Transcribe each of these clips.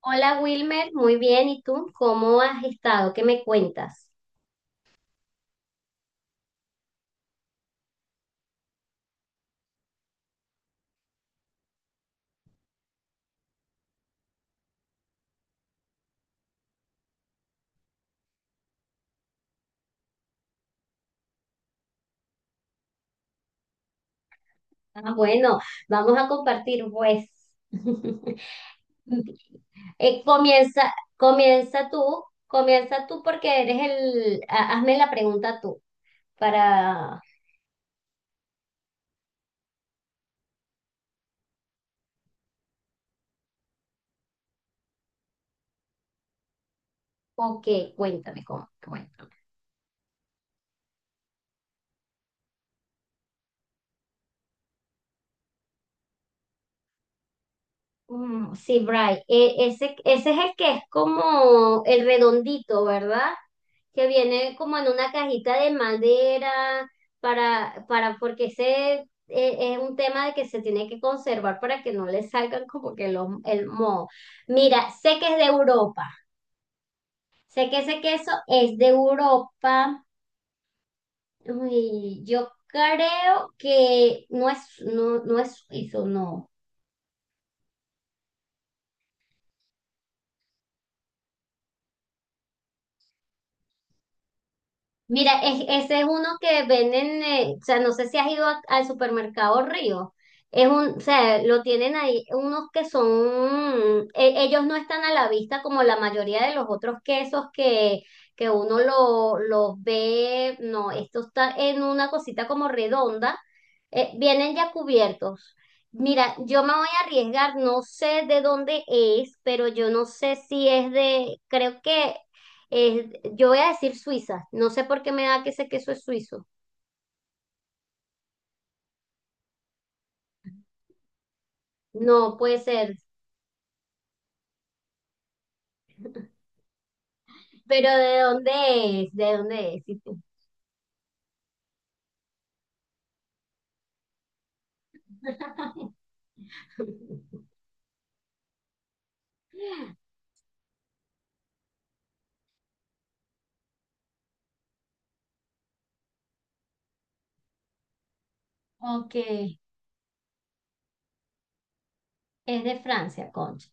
Hola Wilmer, muy bien. ¿Y tú? ¿Cómo has estado? ¿Qué me cuentas? Ah, bueno, vamos a compartir, pues. Comienza tú, comienza tú porque eres hazme la pregunta tú para, ok, cuéntame cómo. Mm, sí, Bray, ese, ese es el que es como el redondito, ¿verdad? Que viene como en una cajita de madera porque ese es un tema de que se tiene que conservar para que no le salgan como que los, el moho. Mira, sé que es de Europa, sé que ese queso es de Europa. Uy, yo creo que no es, no, no es suizo, no. Mira, ese es uno que venden, o sea, no sé si has ido al supermercado Río. Es un, o sea, lo tienen ahí unos que son, ellos no están a la vista como la mayoría de los otros quesos que uno los ve. No, esto está en una cosita como redonda. Vienen ya cubiertos. Mira, yo me voy a arriesgar, no sé de dónde es, pero yo no sé si es de, creo que es- yo voy a decir Suiza. No sé por qué me da que ese queso es suizo. No puede ser. Pero ¿de dónde es? ¿De dónde es? ¿Y tú? Ok, es de Francia, concha.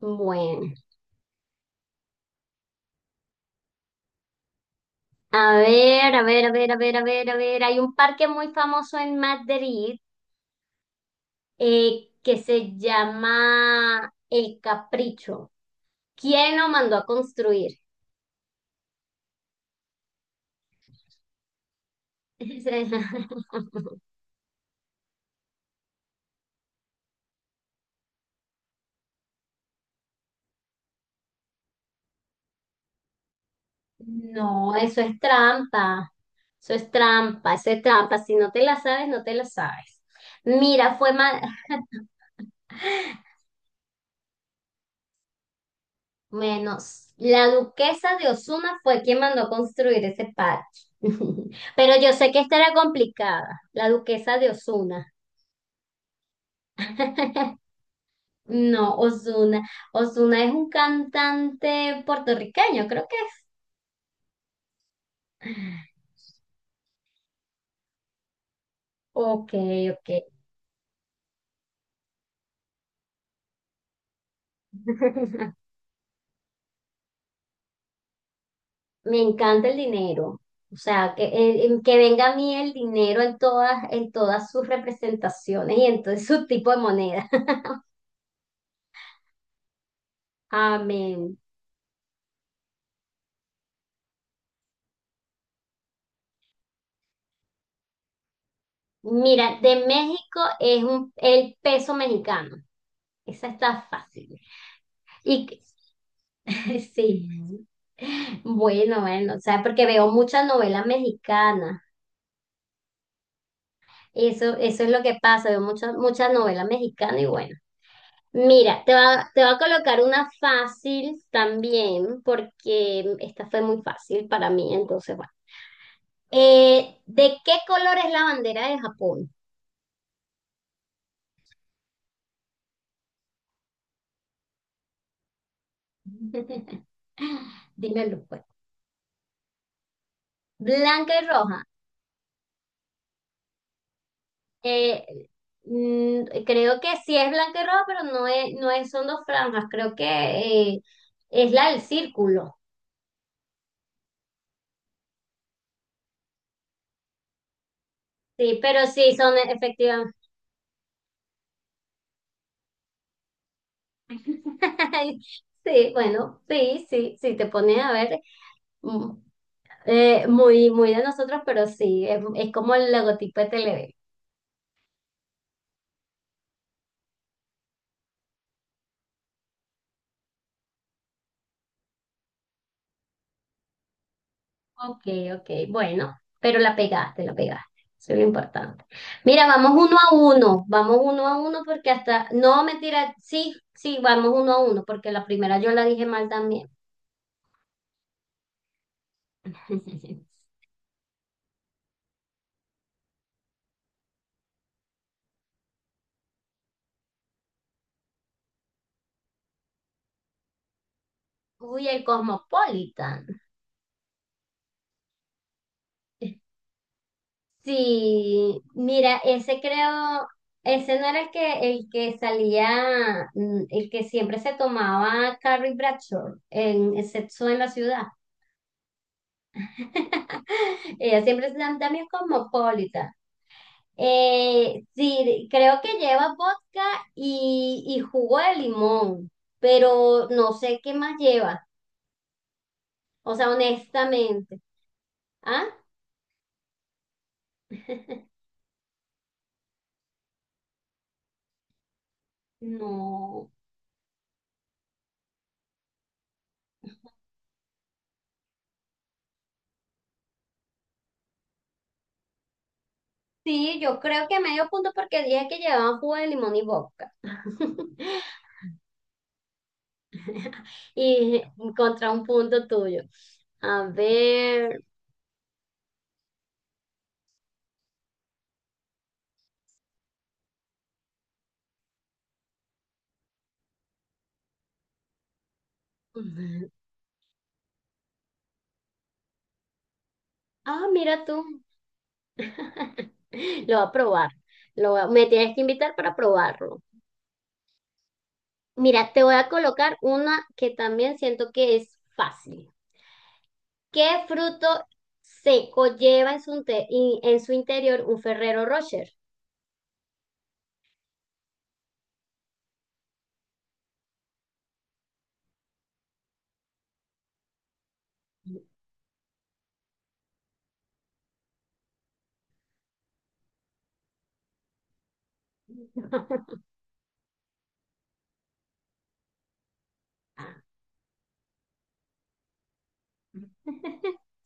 Bueno, a ver, a ver, a ver, a ver, a ver, a ver. Hay un parque muy famoso en Madrid que se llama El Capricho. ¿Quién lo mandó a construir? No, eso es trampa. Eso es trampa, eso es trampa. Si no te la sabes, no te la sabes. Mira, fue más, menos. La duquesa de Osuna fue quien mandó construir ese parque. Pero yo sé que esta era complicada. La duquesa de Osuna. No, Osuna. Osuna es un cantante puertorriqueño, creo que es. Ok, ok. Me encanta el dinero. O sea, que venga a mí el dinero en todas sus representaciones y en todo su tipo de moneda. Amén. Mira, de México es un, el peso mexicano. Esa está fácil. Y que- sí. Bueno, bueno, o sea, porque veo muchas novelas mexicanas. Eso es lo que pasa, veo muchas, muchas novelas mexicanas y bueno. Mira, te va a colocar una fácil también, porque esta fue muy fácil para mí, entonces, bueno. ¿De qué color es la bandera de Japón? Dímelo, pues. Blanca y roja. Eh, Creo que sí es blanca y roja, pero no es, no es, son dos franjas, creo que eh, es la del círculo. Sí, pero sí, son efectivamente. Sí, bueno, sí, sí, sí, te pones a ver. mm, Muy, muy de nosotros, pero sí, es como el logotipo de Televen. Ok, ok, bueno, pero la pegaste, la pegaste. Eso es lo importante. Mira, vamos uno a uno, vamos uno a uno porque hasta, no, mentira, sí, sí, vamos uno a uno porque la primera yo la dije mal también. Uy, el Cosmopolitan. Sí, mira, ese creo, ese no era el que salía, el que siempre se tomaba Carrie Bradshaw en el Sexo en la Ciudad. Ella siempre es también cosmopolita. Sí, creo que lleva vodka y jugo de limón, pero no sé qué más lleva. O sea, honestamente. ¿Ah? No. Sí, yo creo que medio punto porque dije que llevaban jugo de limón y vodka. Y contra un punto tuyo. A ver. Ah, mira tú. Lo voy a probar. Lo voy me tienes que invitar para probarlo. Mira, te voy a colocar una que también siento que es fácil. ¿Qué fruto seco lleva en en su interior un Ferrero Rocher?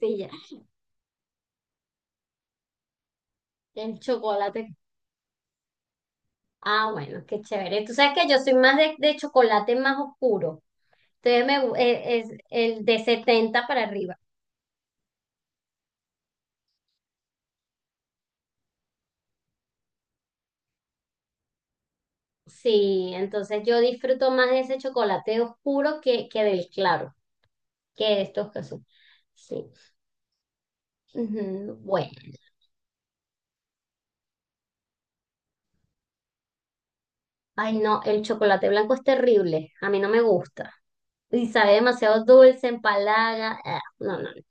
Sí, ya. El chocolate. Ah, bueno, qué chévere. Tú sabes que yo soy más de chocolate más oscuro. Entonces es el de 70 para arriba. Sí, entonces yo disfruto más de ese chocolate oscuro que del claro, que de estos que son. Sí. Ujú, bueno. Ay, no, el chocolate blanco es terrible. A mí no me gusta. Y sabe demasiado dulce, empalaga. Ah, no, no. No,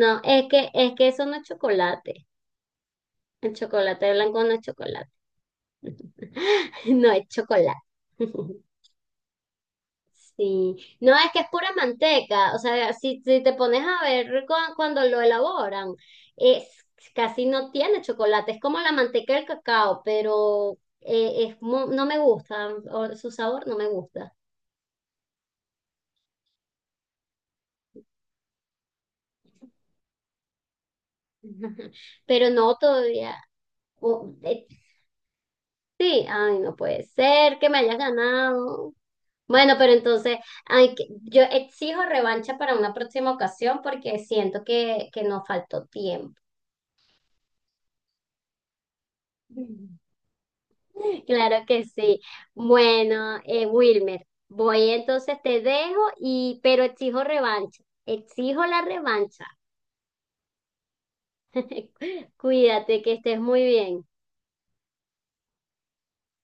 no, es que eso no es chocolate. El chocolate blanco no es chocolate. No es chocolate. Sí, no, es que es pura manteca, o sea, si, si te pones a ver cuando lo elaboran, es casi no tiene chocolate, es como la manteca del cacao, pero es, no me gusta, o su sabor no me gusta. Pero no todavía, o- eh, sí, ay, no puede ser que me hayas ganado. Bueno, pero entonces ay, yo exijo revancha para una próxima ocasión porque siento que nos faltó tiempo. Claro que sí. Bueno, Wilmer, voy entonces te dejo y pero exijo revancha. Exijo la revancha. Cuídate, que estés muy bien.